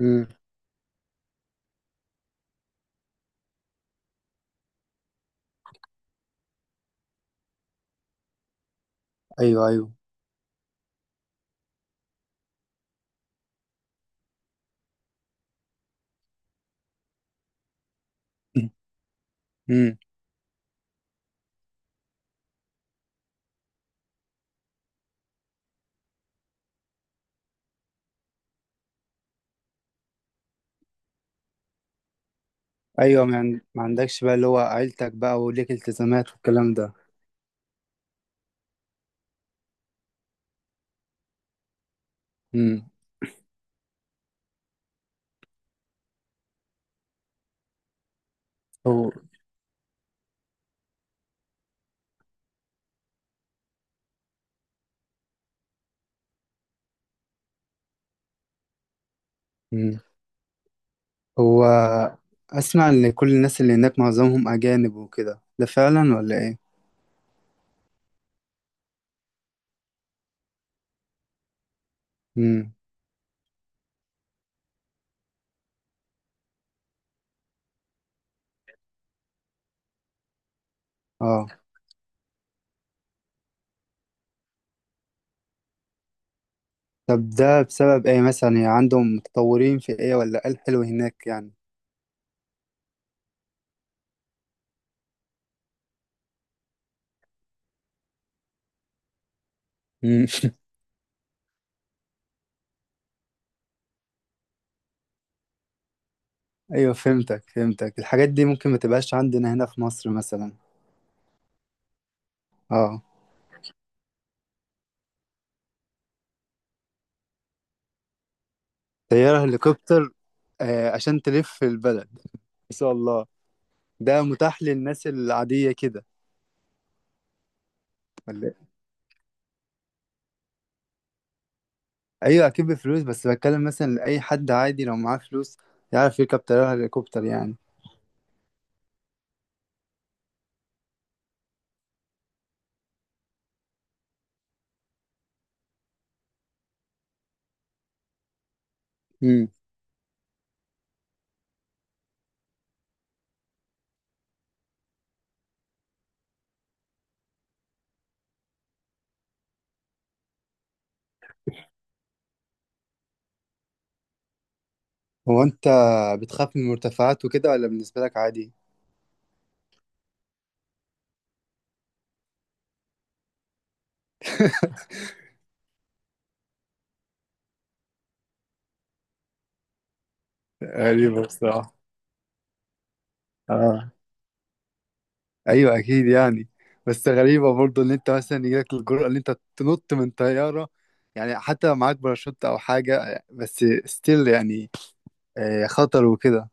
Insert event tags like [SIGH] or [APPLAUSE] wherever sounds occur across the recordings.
امم. ايوه، ايوه. [CLEARS THROAT] امم. ايوه ما عندكش بقى اللي هو عيلتك بقى وليك التزامات والكلام ده. امم. هو امم هو اسمع ان كل الناس اللي هناك معظمهم اجانب وكده، ده فعلا ولا ايه؟ امم. اه. طب ده بسبب ايه مثلا؟ يعني عندهم متطورين في ايه ولا ايه الحلو هناك يعني. امم. ايوه، فهمتك فهمتك، الحاجات دي ممكن ما تبقاش عندنا هنا في مصر مثلا. اه. طيارة هليكوبتر! آه، عشان تلف في البلد. ما شاء الله. ده متاح للناس العادية كده ولا إيه؟ ايوه اكيد بفلوس، بس بتكلم مثلا لاي حد عادي، لو معاه فلوس يعرف يركب طيارة هليكوبتر يعني. امم. هو انت بتخاف من المرتفعات وكده ولا بالنسبة لك عادي؟ [LAUGHS] غريبة بصراحة. اه، ايوه اكيد يعني. بس غريبة برضو ان انت مثلا يجيلك الجرأة ان انت تنط من طيارة، يعني حتى لو معاك باراشوت او حاجة بس ستيل يعني، خطر وكده.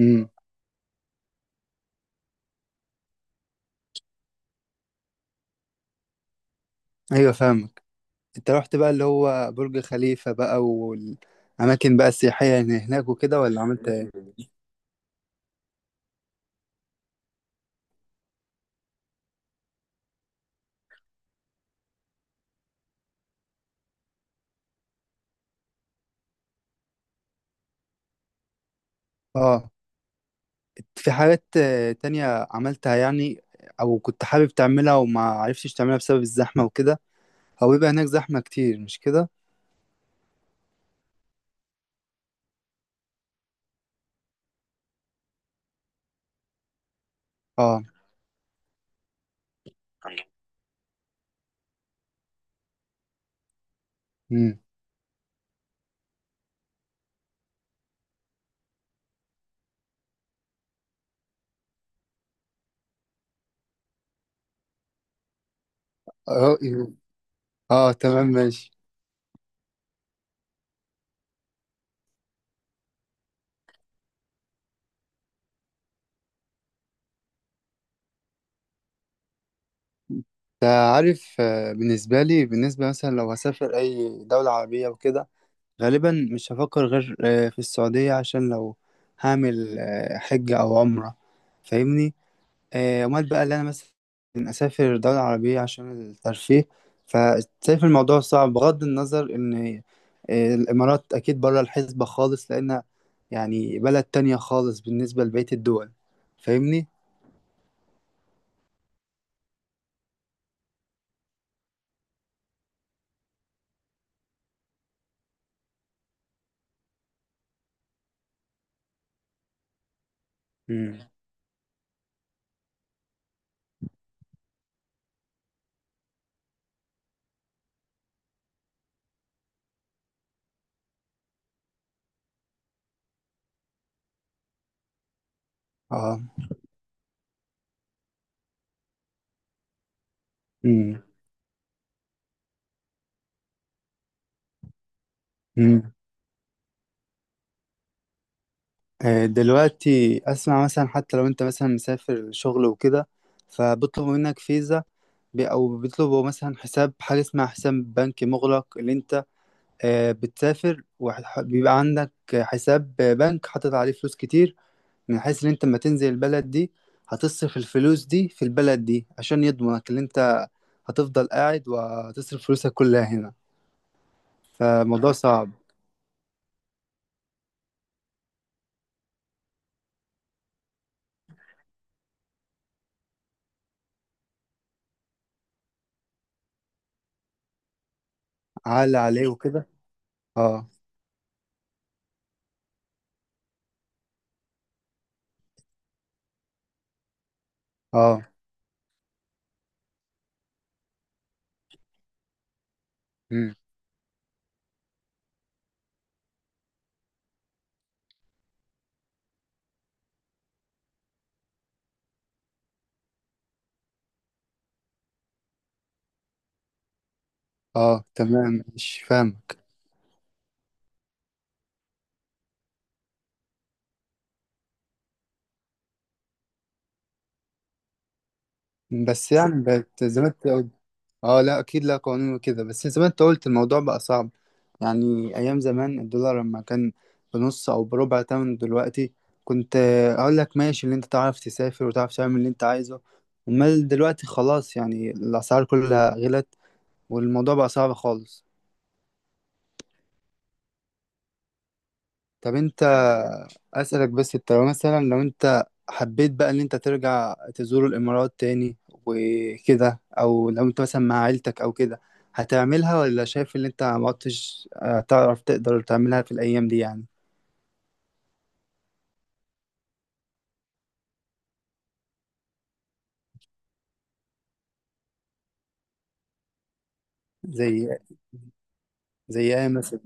امم. ايوه فاهمك. انت رحت بقى اللي هو برج خليفة بقى والأماكن بقى السياحية اللي هناك وكده، ولا عملت ايه؟ مم. اه، في حاجات تانية عملتها يعني، أو كنت حابب تعملها وما عرفتش تعملها بسبب الزحمة وكده؟ هو بيبقى هناك زحمة كتير مش كده؟ اه. امم. اه. آه، تمام ماشي. انت عارف، بالنسبة لي، بالنسبة مثلا لو هسافر أي دولة عربية وكده، غالبا مش هفكر غير في السعودية، عشان لو هعمل حجة أو عمرة، فاهمني. أمال بقى اللي أنا مثلا أسافر دولة عربية عشان الترفيه، فشايف الموضوع صعب، بغض النظر إن الإمارات أكيد بره الحسبة خالص، لأن يعني بلد تانية خالص بالنسبة لبقية الدول. فاهمني؟ مم. اه. مم. مم. آه، دلوقتي اسمع مثلا، حتى لو انت مثلا مسافر شغل وكده، فبيطلبوا منك فيزا، او بيطلبوا مثلا حساب، حاجه اسمها حساب بنكي مغلق، اللي انت بتسافر وبيبقى عندك حساب بنك حاطط عليه فلوس كتير، من حيث ان انت لما تنزل البلد دي هتصرف الفلوس دي في البلد دي، عشان يضمنك ان انت هتفضل قاعد وهتصرف فلوسك كلها هنا. فالموضوع صعب. عال عليه وكده. اه. اه. مم. اه تمام، مش فاهمك. بس يعني زي ما انت. اه لا اكيد، لا قوانين وكده، بس زي ما انت قلت الموضوع بقى صعب. يعني ايام زمان الدولار لما كان بنص او بربع تمن دلوقتي، كنت اقول لك ماشي، اللي انت تعرف تسافر وتعرف تعمل اللي انت عايزه. امال دلوقتي خلاص، يعني الاسعار كلها غلت، والموضوع بقى صعب خالص. طب انت، اسالك بس، انت لو مثلا، لو انت حبيت بقى ان انت ترجع تزور الامارات تاني وكده، او لو انت مثلا مع عيلتك او كده، هتعملها ولا شايف ان انت ما عدتش هتعرف تقدر تعملها في الايام دي يعني؟ زي زي ايه مثلا؟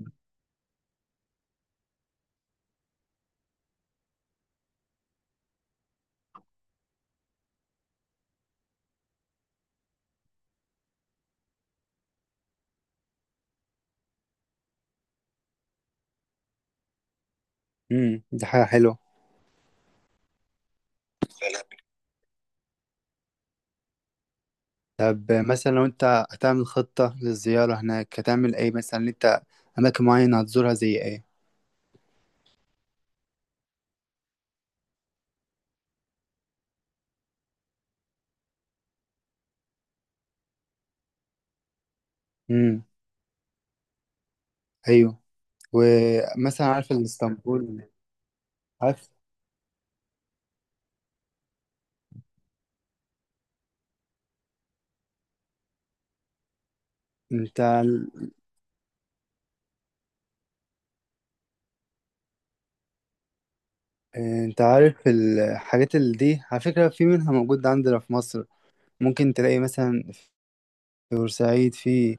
امم، دي حاجه حلوه. طب مثلا لو انت هتعمل خطه للزياره هناك، هتعمل ايه مثلا؟ ان انت اماكن معينه هتزورها زي ايه؟ امم. ايوه. ومثلا عارف الاسطنبول؟ عارف. انت، انت عارف الحاجات اللي دي على فكرة في منها موجود عندنا في مصر. ممكن تلاقي مثلا في بورسعيد، في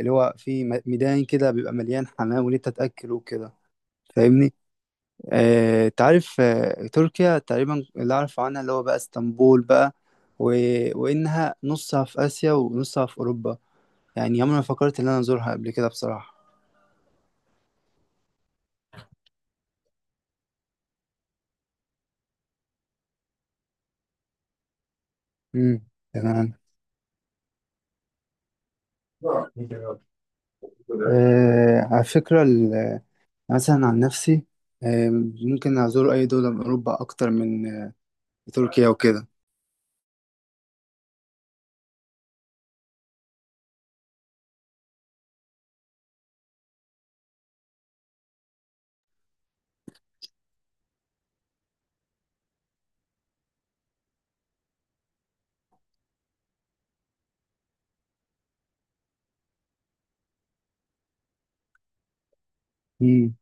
اللي هو في ميدان كده بيبقى مليان حمام وليه تتأكل وكده. فاهمني. اه، انت عارف، تركيا تقريبا اللي اعرف عنها اللي هو بقى اسطنبول بقى، و... وانها نصها في اسيا ونصها في اوروبا. يعني عمري ما فكرت ان انا ازورها قبل كده بصراحة. امم. تمام. آه على فكرة، مثلا عن نفسي، آم، ممكن أزور أي دولة من أوروبا أكتر من تركيا وكده. مم.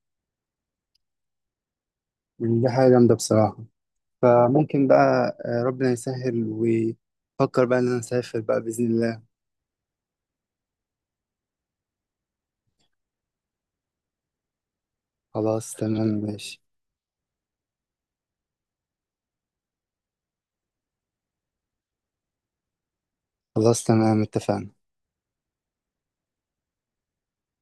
دي حاجة جامدة بصراحة. فممكن بقى ربنا يسهل، وفكر بقى إن أنا أسافر بقى بإذن الله. خلاص تمام ماشي. خلاص تمام اتفقنا.